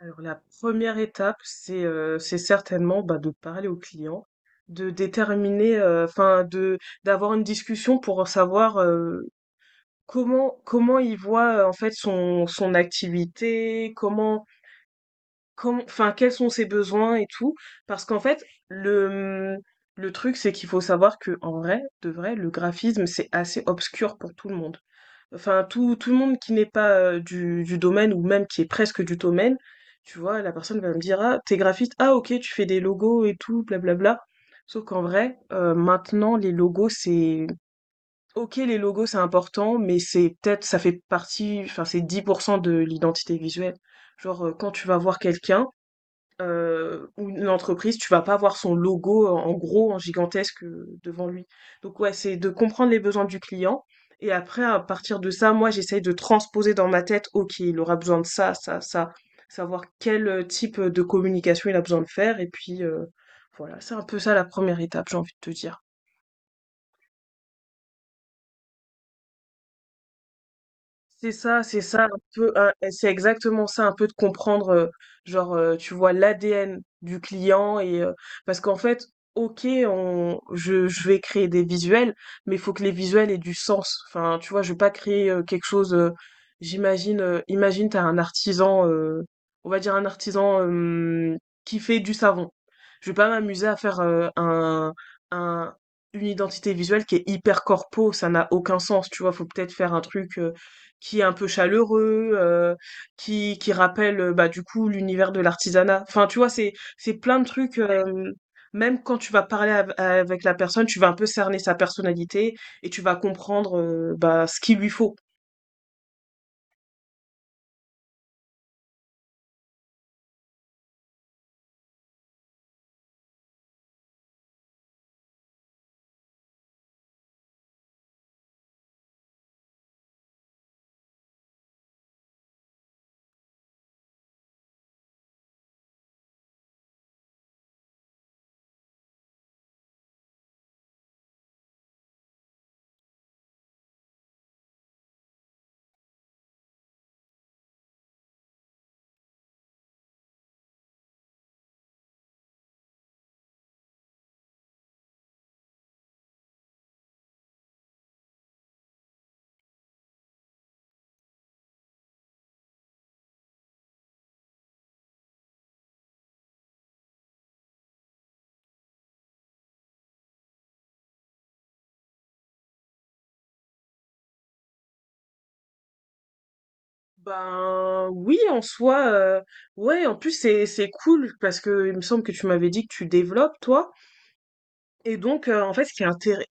Alors la première étape, c'est certainement de parler au client, de déterminer, enfin de d'avoir une discussion pour savoir comment il voit en fait son activité, comment quels sont ses besoins et tout. Parce qu'en fait le le truc c'est qu'il faut savoir que en vrai de vrai le graphisme c'est assez obscur pour tout le monde. Enfin, tout le monde qui n'est pas du domaine ou même qui est presque du domaine, tu vois, la personne va me dire, ah, t'es graphiste, ah, ok, tu fais des logos et tout, blablabla. Sauf qu'en vrai, maintenant, les logos, c'est... Ok, les logos, c'est important, mais c'est peut-être, ça fait partie, enfin, c'est 10% de l'identité visuelle. Genre, quand tu vas voir quelqu'un, ou une entreprise, tu vas pas avoir son logo, en gros, en gigantesque, devant lui. Donc ouais, c'est de comprendre les besoins du client et après à partir de ça, moi, j'essaye de transposer dans ma tête: «OK, il aura besoin de ça, ça, ça», savoir quel, type, de communication il a besoin de faire et puis, voilà, c'est un peu ça la première étape, j'ai envie de te dire. C'est ça, c'est ça, c'est exactement ça, un peu de comprendre, tu vois, l'ADN du client parce qu'en fait, ok, je vais créer des visuels, mais il faut que les visuels aient du sens. Enfin, tu vois, je vais pas créer quelque chose. Imagine, t'as un artisan, on va dire un artisan qui fait du savon. Je vais pas m'amuser à faire un une identité visuelle qui est hyper corpo, ça n'a aucun sens. Tu vois, faut peut-être faire un truc. Qui est un peu chaleureux, qui rappelle bah du coup l'univers de l'artisanat. Enfin, tu vois, c'est plein de trucs. Même quand tu vas avec la personne, tu vas un peu cerner sa personnalité et tu vas comprendre bah ce qu'il lui faut. Ben oui, en soi, ouais. En plus, c'est cool parce que il me semble que tu m'avais dit que tu développes toi. Et donc, en fait, ce qui est intér-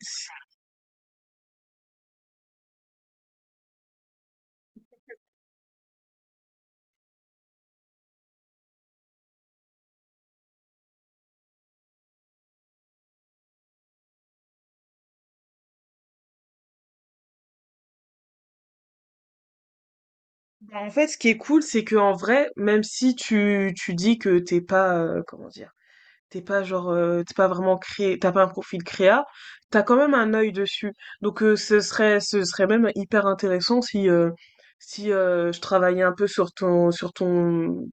ben, en fait, ce qui est cool, c'est que en vrai, même si tu dis que t'es pas comment dire. T'es pas genre, t'es pas vraiment créé, t'as pas un profil créa, t'as quand même un œil dessus. Donc ce serait même hyper intéressant si je travaillais un peu sur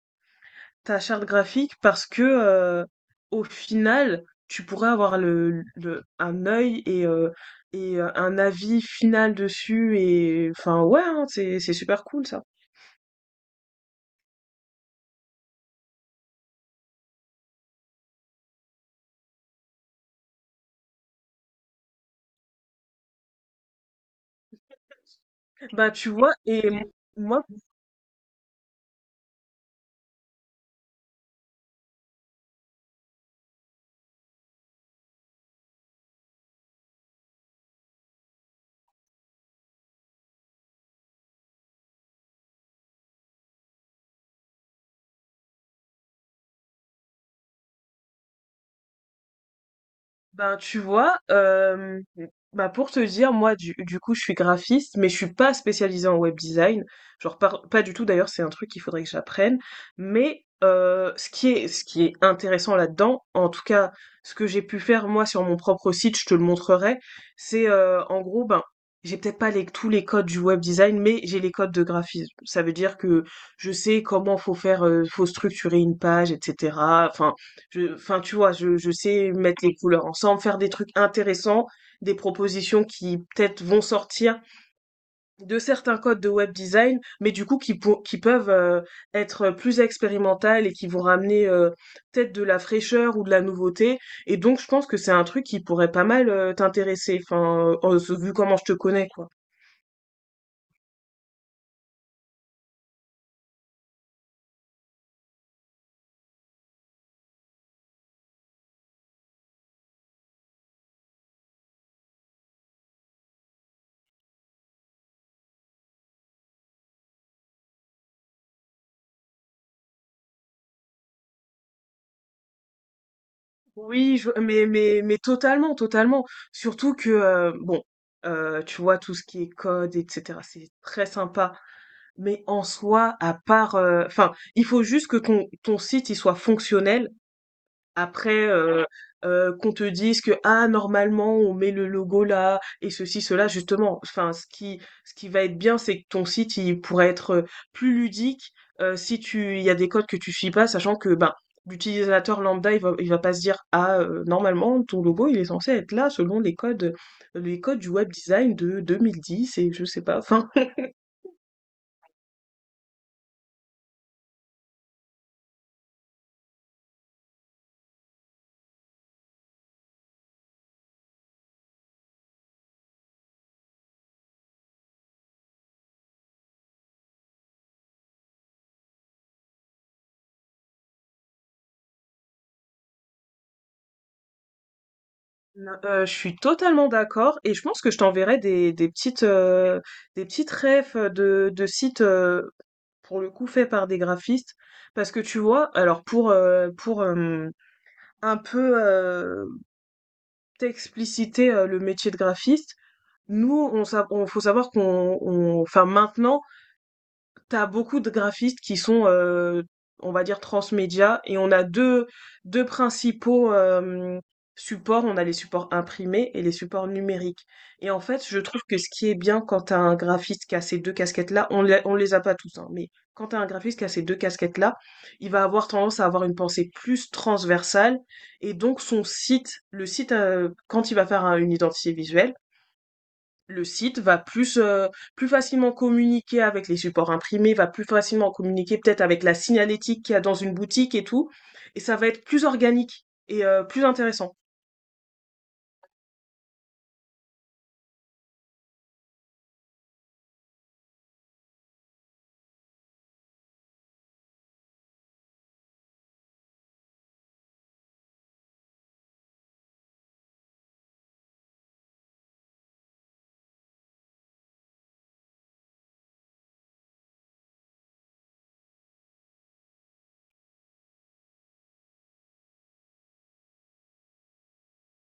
ta charte graphique, parce que au final, tu pourrais avoir un œil et un avis final dessus et enfin ouais, hein, c'est super cool ça. Bah tu vois et moi Ben, tu vois, bah pour te dire, moi, du coup, je suis graphiste, mais je suis pas spécialisée en web design. Pas du tout, d'ailleurs, c'est un truc qu'il faudrait que j'apprenne. Ce qui est intéressant là-dedans, en tout cas, ce que j'ai pu faire, moi, sur mon propre site, je te le montrerai, c'est, en gros, ben, j'ai peut-être pas les, tous les codes du web design, mais j'ai les codes de graphisme. Ça veut dire que je sais comment faut faire, faut structurer une page, etc. Enfin, enfin, tu vois, je sais mettre les couleurs ensemble, faire des trucs intéressants, des propositions qui peut-être vont sortir de certains codes de web design, mais du coup qui peuvent être plus expérimentales et qui vont ramener peut-être de la fraîcheur ou de la nouveauté. Et donc, je pense que c'est un truc qui pourrait pas mal t'intéresser, enfin, oh, vu comment je te connais, quoi. Mais, mais, totalement, totalement. Surtout que, bon, tu vois, tout ce qui est code, etc., c'est très sympa. Mais en soi, à part, enfin, il faut juste que ton site, il soit fonctionnel après, qu'on te dise que ah normalement on met le logo là et ceci cela justement. Enfin, ce qui va être bien, c'est que ton site il pourrait être plus ludique si tu il y a des codes que tu suis pas, sachant que ben l'utilisateur lambda il va pas se dire ah normalement ton logo il est censé être là selon les codes du web design de 2010 et je sais pas. Enfin, non, je suis totalement d'accord et je pense que je t'enverrai des petites des petites refs de sites pour le coup fait par des graphistes parce que tu vois alors pour un peu t'expliciter le métier de graphiste nous on, sa- on- faut savoir qu'on on- enfin maintenant t'as beaucoup de graphistes qui sont, on va dire, transmédia, et deux principaux supports. On a les supports imprimés et les supports numériques. Et en fait, je trouve que ce qui est bien quand t'as un graphiste qui a ces deux casquettes-là, on les a pas tous, hein, mais quand t'as un graphiste qui a ces deux casquettes-là, il va avoir tendance à avoir une pensée plus transversale, et donc le site, quand il va une identité visuelle, le site va plus, plus facilement communiquer avec les supports imprimés, va plus facilement communiquer peut-être avec la signalétique qu'il y a dans une boutique et tout, et ça va être plus organique et plus intéressant.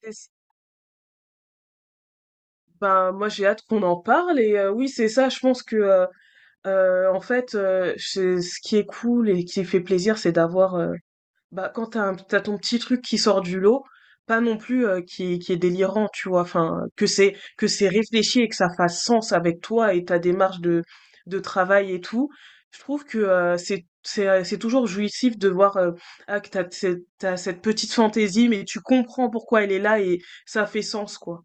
C'est s- Ben, moi j'ai hâte qu'on en parle et oui c'est ça je pense que en fait ce qui est cool et qui fait plaisir c'est d'avoir quand t'as ton petit truc qui sort du lot, pas non plus qui est délirant, tu vois, enfin, que c'est réfléchi et que ça fasse sens avec toi et ta démarche de travail et tout, je trouve que c'est c'est toujours jouissif de voir ah, que t'as cette petite fantaisie, mais tu comprends pourquoi elle est là et ça fait sens, quoi.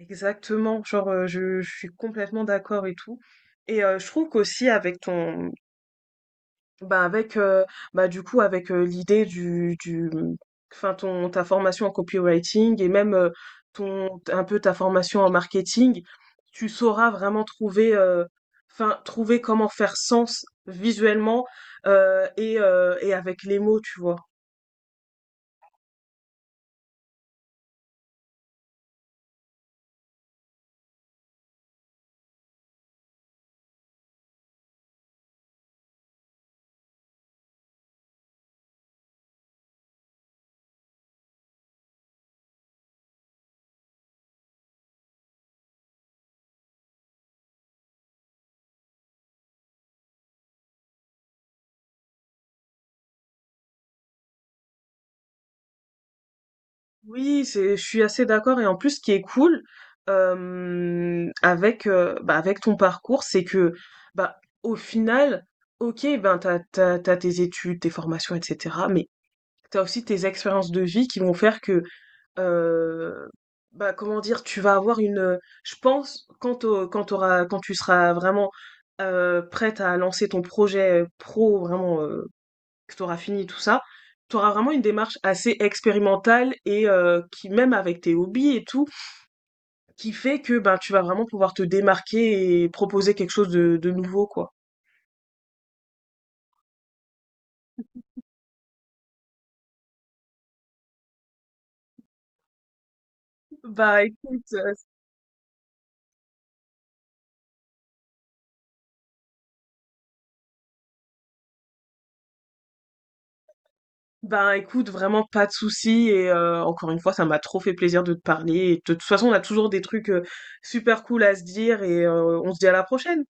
Exactement, genre, je suis complètement d'accord et tout. Je trouve qu'aussi avec ton, Bah avec bah du coup avec l'idée du mmh, enfin ton ta formation en copywriting et même ton un peu ta formation en marketing, tu sauras vraiment trouver trouver comment faire sens visuellement et avec les mots, tu vois. Oui, c'est je suis assez d'accord et en plus ce qui est cool avec bah avec ton parcours, c'est que bah au final OK, ben t'as tes études, tes formations, etc. Mais t'as aussi tes expériences de vie qui vont faire que, euh, bah, comment dire, tu vas avoir je pense, quand quand tu seras vraiment prête à lancer ton projet pro, vraiment, que t'auras fini tout ça, t'auras vraiment une démarche assez expérimentale et même avec tes hobbies et tout, qui fait que, ben tu vas vraiment pouvoir te démarquer et proposer quelque chose de nouveau, quoi. Bah, écoute, Ben écoute, vraiment pas de souci et encore une fois, ça m'a trop fait plaisir de te parler. Et de toute façon, on a toujours des trucs super cool à se dire et on se dit à la prochaine.